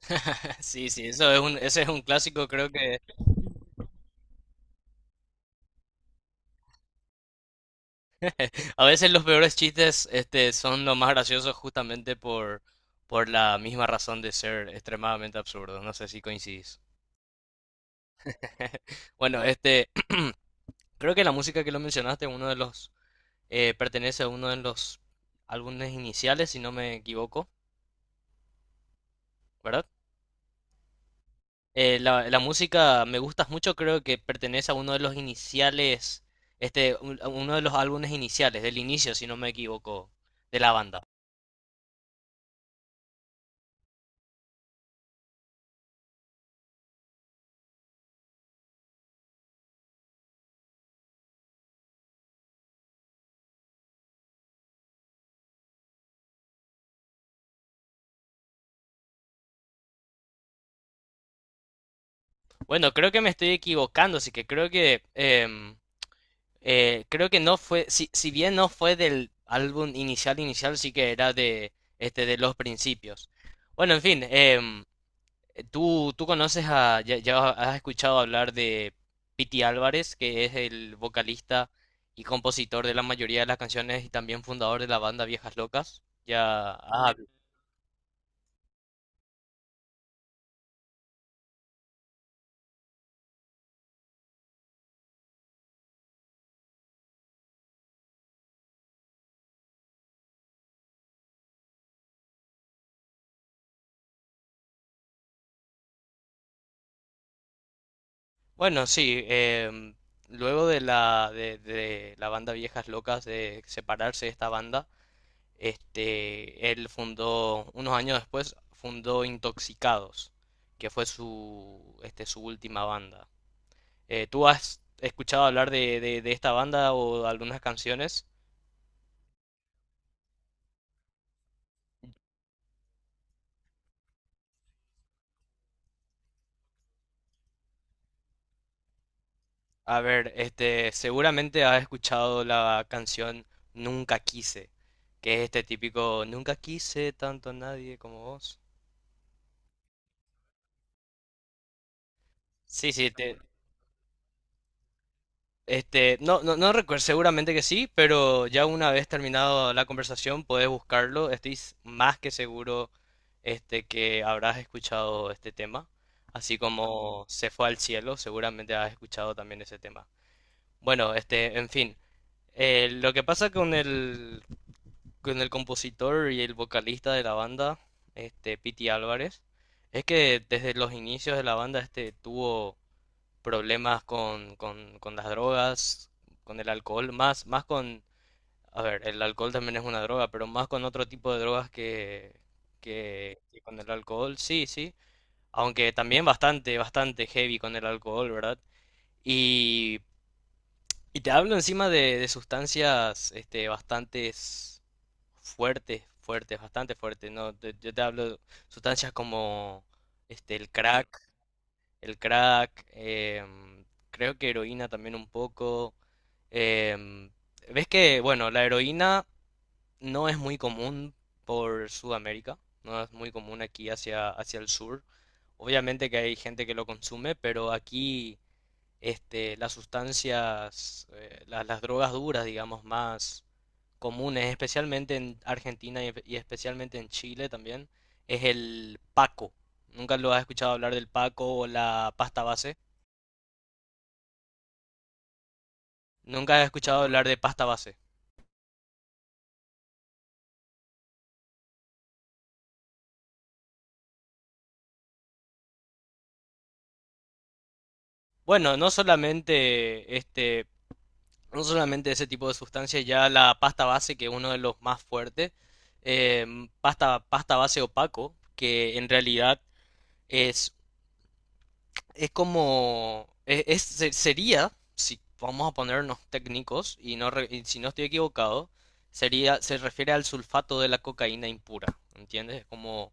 Sí, sí, eso es un, ese es un clásico. Creo que a veces los peores chistes son los más graciosos justamente por la misma razón de ser extremadamente absurdos. No sé si coincidís. Bueno, creo que la música que lo mencionaste, uno de los, pertenece a uno de los álbumes iniciales, si no me equivoco, ¿verdad? La música Me Gustas Mucho creo que pertenece a uno de los iniciales, a uno de los álbumes iniciales, del inicio, si no me equivoco, de la banda. Bueno, creo que me estoy equivocando, así que creo que creo que no fue. Si, si bien no fue del álbum inicial inicial, sí que era de de los principios. Bueno, en fin, tú conoces a ya has escuchado hablar de Pity Álvarez, que es el vocalista y compositor de la mayoría de las canciones y también fundador de la banda Viejas Locas. Ya, ah, bueno, sí, luego de la, de la banda Viejas Locas, de separarse de esta banda, él fundó, unos años después, fundó Intoxicados, que fue su, su última banda. ¿Tú has escuchado hablar de, de esta banda o de algunas canciones? A ver, seguramente has escuchado la canción Nunca Quise, que es este típico nunca quise tanto a nadie como vos. Sí, sí, te, no, no, no recuerdo, seguramente que sí, pero ya una vez terminado la conversación puedes buscarlo. Más que seguro que habrás escuchado este tema. Así como se fue al cielo, seguramente has escuchado también ese tema. Bueno, en fin. Lo que pasa con el compositor y el vocalista de la banda, Pity Álvarez, es que desde los inicios de la banda este tuvo problemas con las drogas, con el alcohol, más, más con, a ver, el alcohol también es una droga, pero más con otro tipo de drogas que con el alcohol, sí, sí. Aunque también bastante, bastante heavy con el alcohol, ¿verdad? Y, y te hablo encima de sustancias bastantes fuertes, fuertes, bastante fuertes, ¿no? Yo te hablo de sustancias como este, el crack, el crack, creo que heroína también un poco. Em, Ves que, bueno, la heroína no es muy común por Sudamérica, no es muy común aquí hacia, hacia el sur. Obviamente que hay gente que lo consume, pero aquí las sustancias, las drogas duras, digamos, más comunes, especialmente en Argentina y especialmente en Chile también, es el paco. ¿Nunca lo has escuchado hablar del paco o la pasta base? Nunca he escuchado hablar de pasta base. Bueno, no solamente no solamente ese tipo de sustancias, ya la pasta base, que es uno de los más fuertes, pasta, pasta base opaco, que en realidad es, es como, es, sería, si vamos a ponernos técnicos, y no, y si no estoy equivocado, sería, se refiere al sulfato de la cocaína impura, ¿entiendes? Es como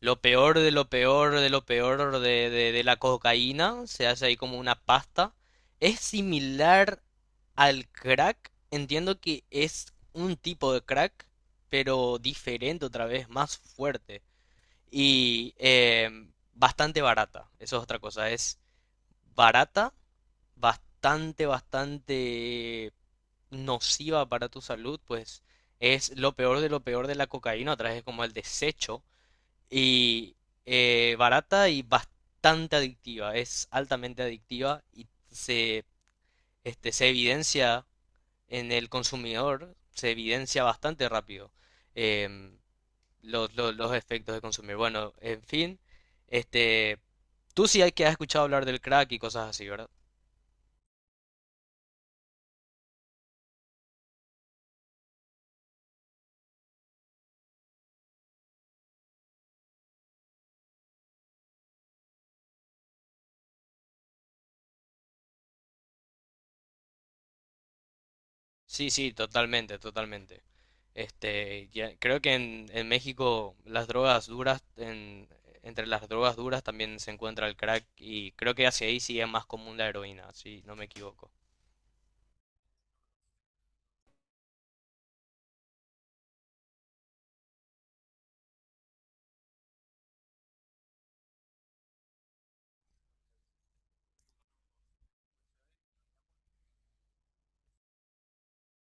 lo peor de lo peor de lo peor de la cocaína se hace ahí como una pasta. Es similar al crack. Entiendo que es un tipo de crack, pero diferente otra vez, más fuerte. Y bastante barata. Eso es otra cosa. Es barata, bastante, bastante nociva para tu salud. Pues es lo peor de la cocaína. Otra vez es como el desecho y barata y bastante adictiva, es altamente adictiva y se, se evidencia en el consumidor, se evidencia bastante rápido em, los efectos de consumir. Bueno, en fin, este, tú sí hay que has escuchado hablar del crack y cosas así, ¿verdad? Sí, sí, totalmente, totalmente. Creo que en México las drogas duras, entre las drogas duras también se encuentra el crack y creo que hacia ahí sí es más común la heroína, si no me equivoco.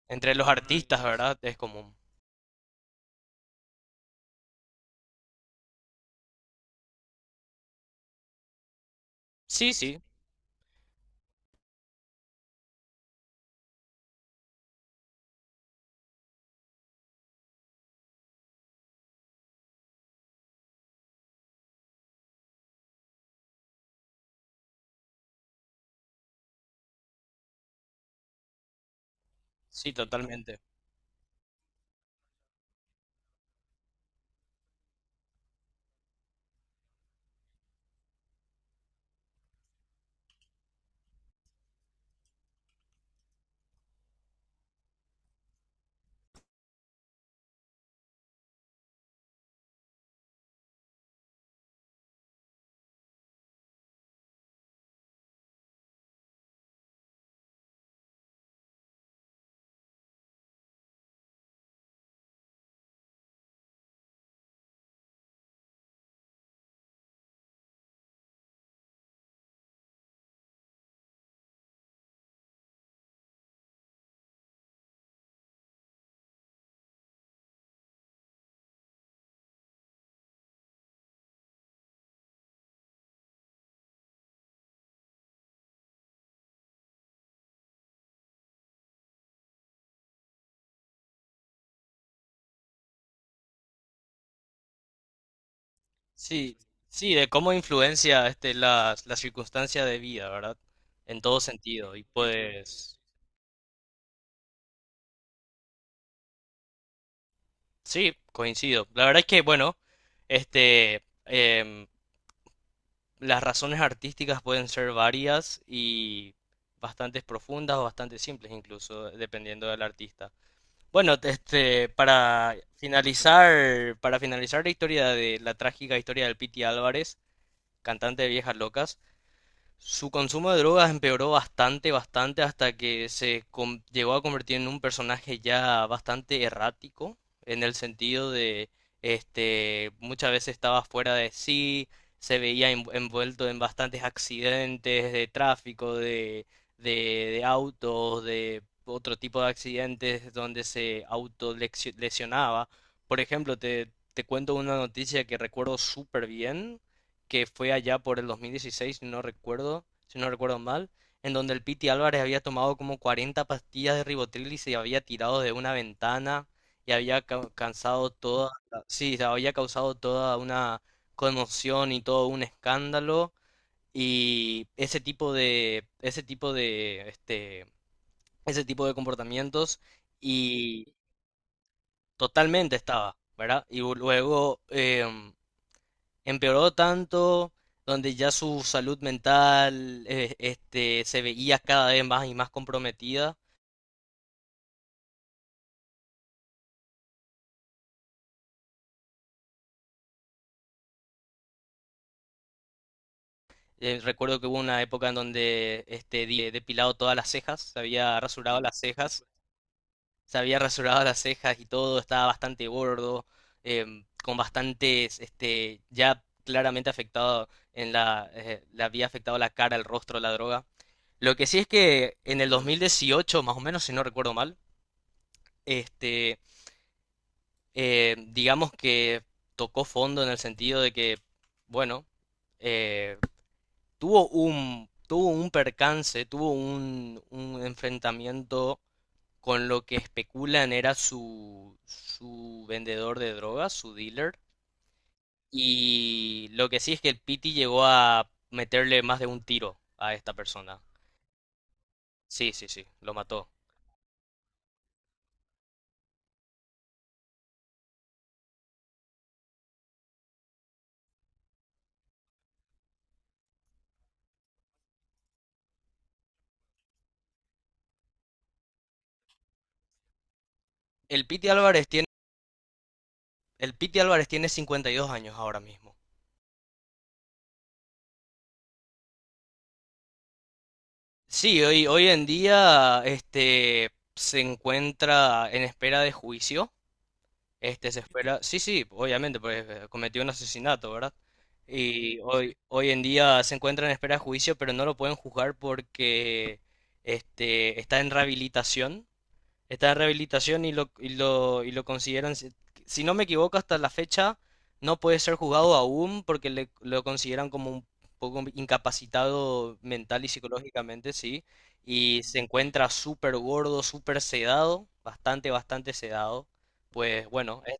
Entre los artistas, ¿verdad? Es común. Sí, sí, sí, totalmente. Sí, sí, de cómo influencia las circunstancias de vida, ¿verdad? En todo sentido. Y pues, sí, coincido. La verdad es que, bueno, este, em, las razones artísticas pueden ser varias y bastante profundas o bastante simples incluso, dependiendo del artista. Bueno, para finalizar la historia de la trágica historia del Piti Álvarez, cantante de Viejas Locas, su consumo de drogas empeoró bastante, bastante, hasta que llegó a convertir en un personaje ya bastante errático, en el sentido de, muchas veces estaba fuera de sí, se veía envuelto en bastantes accidentes de tráfico, de, de autos, de otro tipo de accidentes donde se autolesionaba. Por ejemplo, te cuento una noticia que recuerdo súper bien que fue allá por el 2016, si no recuerdo, si no recuerdo mal, en donde el Piti Álvarez había tomado como 40 pastillas de ribotril y se había tirado de una ventana y había cansado toda, sí, había causado toda una conmoción y todo un escándalo y ese tipo de ese tipo de ese tipo de comportamientos y totalmente estaba, ¿verdad? Y luego empeoró tanto, donde ya su salud mental se veía cada vez más y más comprometida. Recuerdo que hubo una época en donde depilado todas las cejas, se había rasurado las cejas, se había rasurado las cejas y todo, estaba bastante gordo, con bastantes, ya claramente afectado en la, le había afectado la cara, el rostro, la droga. Lo que sí es que en el 2018, más o menos, si no recuerdo mal, este, digamos que tocó fondo en el sentido de que, bueno, eh, tuvo un percance, tuvo un enfrentamiento con lo que especulan era su, su vendedor de drogas, su dealer. Y lo que sí es que el Pity llegó a meterle más de un tiro a esta persona. Sí, sí, sí, lo mató. El Pity Álvarez tiene, el Pity Álvarez tiene 52 años ahora mismo. Sí, hoy, hoy en día se encuentra en espera de juicio. Este se espera, sí, sí, obviamente, porque cometió un asesinato, ¿verdad? Y hoy, hoy en día se encuentra en espera de juicio, pero no lo pueden juzgar porque está en rehabilitación. Está en rehabilitación y lo, y lo, y lo consideran, si si no me equivoco, hasta la fecha no puede ser juzgado aún porque le, lo consideran como un poco incapacitado mental y psicológicamente, sí. Y se encuentra súper gordo, súper sedado, bastante, bastante sedado. Pues bueno,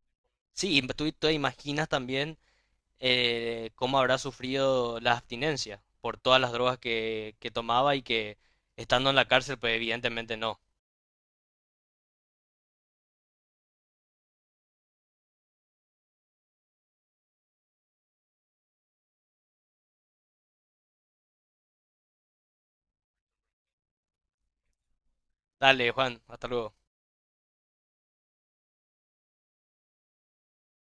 sí, y tú te imaginas también cómo habrá sufrido la abstinencia por todas las drogas que tomaba y que estando en la cárcel, pues evidentemente no. Dale, Juan, hasta luego.